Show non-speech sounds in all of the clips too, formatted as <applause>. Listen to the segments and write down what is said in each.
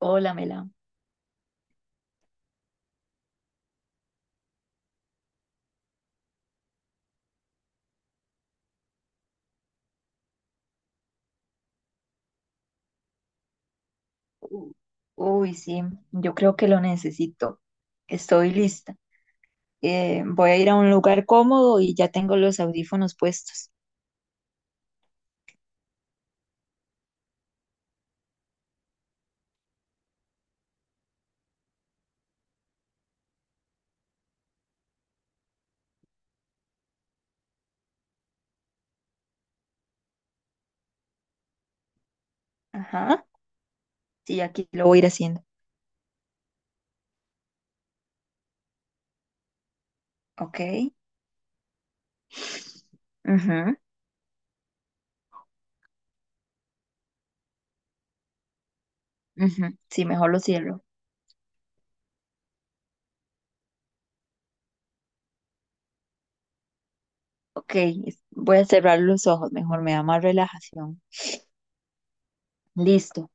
Hola, Mela. U- Uy, sí, yo creo que lo necesito. Estoy lista. Voy a ir a un lugar cómodo y ya tengo los audífonos puestos. Ajá. Sí, aquí lo voy a ir haciendo. Ok. Ujú, ujú. Sí, mejor lo cierro. Ok, voy a cerrar los ojos, mejor me da más relajación. Listo.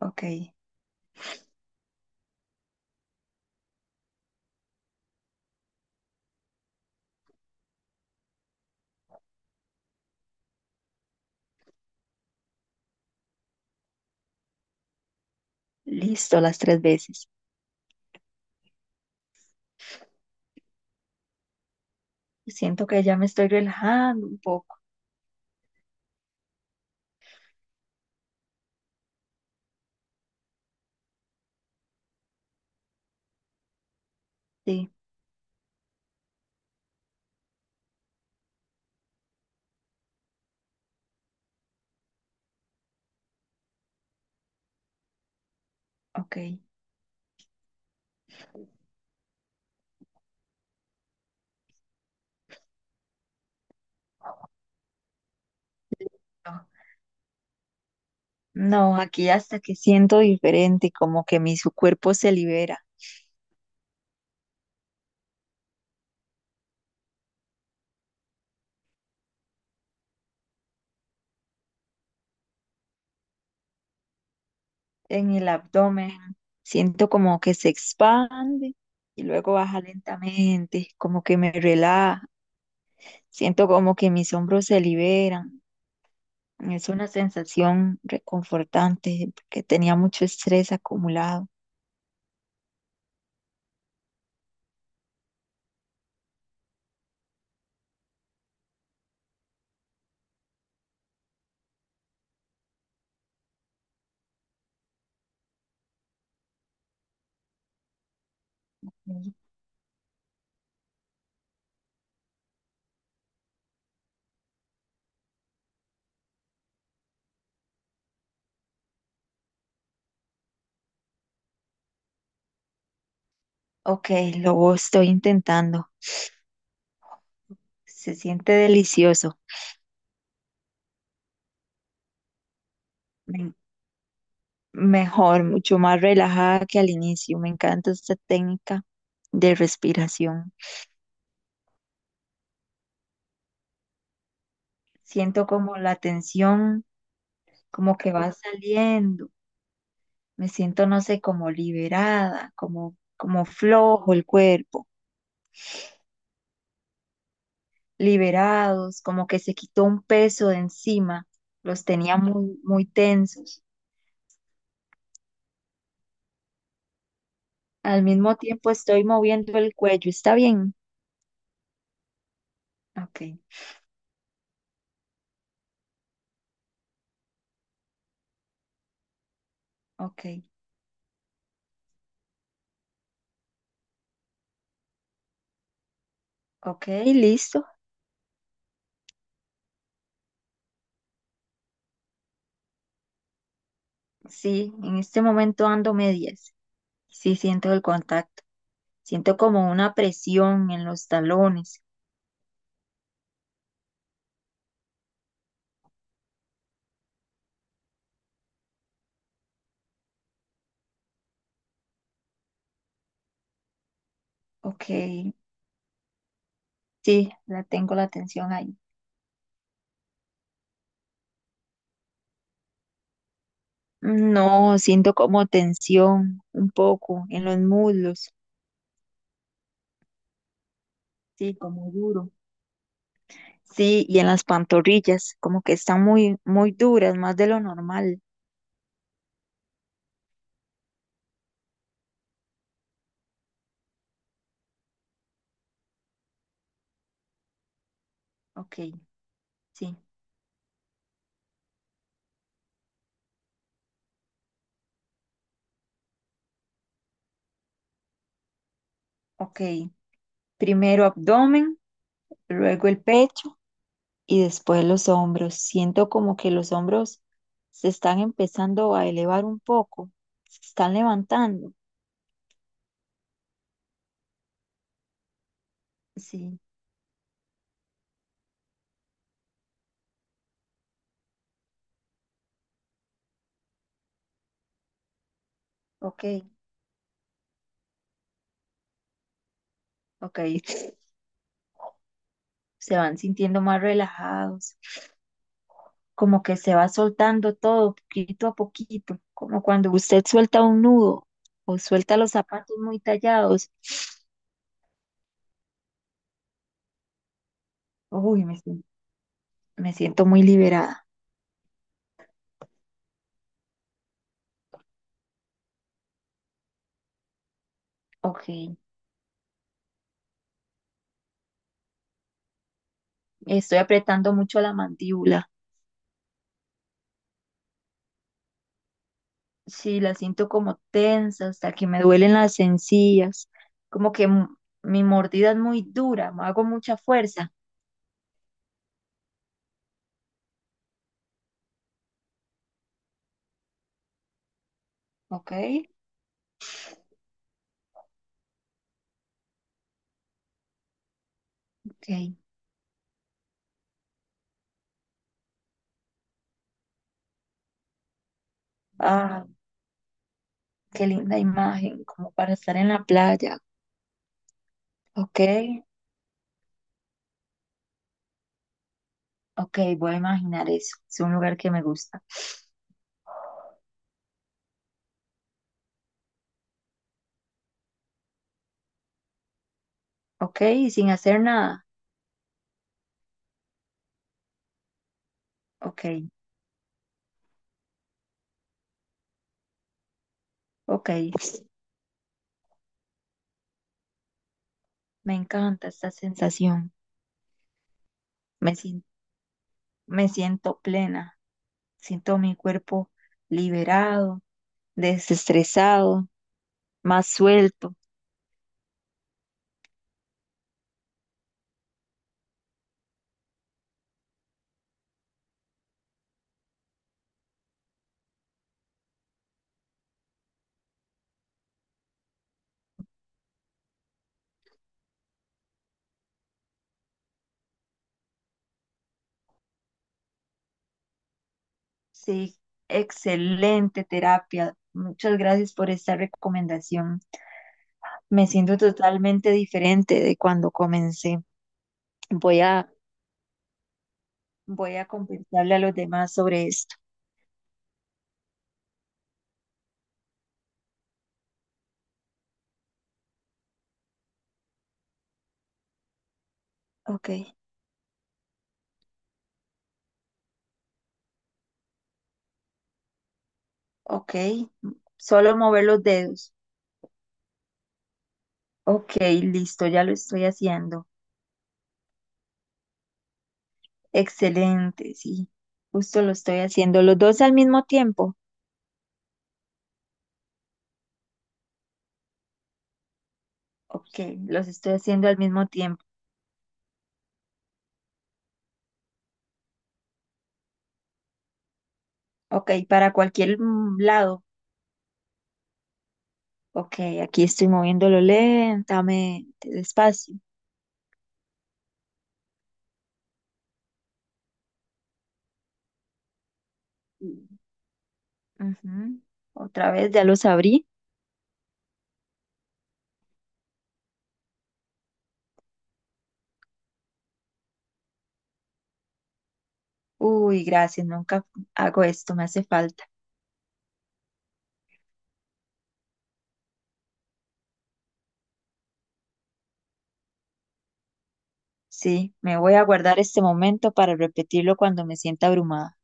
Ok, listo las tres veces. Siento que ya me estoy relajando un poco. Sí, ok. No, aquí hasta que siento diferente, como que mi su cuerpo se libera en el abdomen. Siento como que se expande y luego baja lentamente, como que me relaja. Siento como que mis hombros se liberan. Es una sensación reconfortante porque tenía mucho estrés acumulado. Mm. Ok, lo estoy intentando. Se siente delicioso. Me Mejor, mucho más relajada que al inicio. Me encanta esta técnica de respiración. Siento como la tensión, como que va saliendo. Me siento, no sé, como liberada, como, como flojo el cuerpo, liberados, como que se quitó un peso de encima. Los tenía muy, muy tensos. Al mismo tiempo estoy moviendo el cuello. ¿Está bien? Ok, ok, ok, listo. Sí, en este momento ando medias. Sí, siento el contacto. Siento como una presión en los talones. Ok, sí, la tengo la tensión ahí. No, siento como tensión un poco en los muslos. Sí, como duro. Sí, y en las pantorrillas, como que están muy, muy duras, más de lo normal. Ok, sí, ok. Primero abdomen, luego el pecho. Y después los hombros. Siento como que los hombros se están empezando a elevar un poco, se están levantando. Sí, ok, ok. <laughs> Se van sintiendo más relajados, como que se va soltando todo poquito a poquito, como cuando usted suelta un nudo o suelta los zapatos muy tallados. Uy, me siento muy liberada. Ok, estoy apretando mucho la mandíbula. Sí, las siento como tensas, hasta que me duelen las encías, como que mi mordida es muy dura, me hago mucha fuerza. Ok, ok. Ah, qué linda imagen, como para estar en la playa. Ok, ok, voy a imaginar eso. Es un lugar que me gusta. Ok, y sin hacer nada. Ok, ok. Me encanta esta sensación. Me, sien- me siento plena. Siento mi cuerpo liberado, desestresado. Más suelto. Sí, excelente terapia. Muchas gracias por esta recomendación. Me siento totalmente diferente de cuando comencé. Voy a, voy a conversarle a los demás sobre esto. Ok, ok. Solo mover los dedos. Ok, listo, ya lo estoy haciendo. Excelente, sí. Justo lo estoy haciendo. Los dos al mismo tiempo. Ok, los estoy haciendo al mismo tiempo. Ok, para cualquier lado. Ok, aquí estoy moviéndolo lentamente, despacio. Ujú. Otra vez, ya los abrí. Uy, gracias, nunca hago esto, me hace falta. Sí, me voy a guardar este momento para repetirlo cuando me sienta abrumada.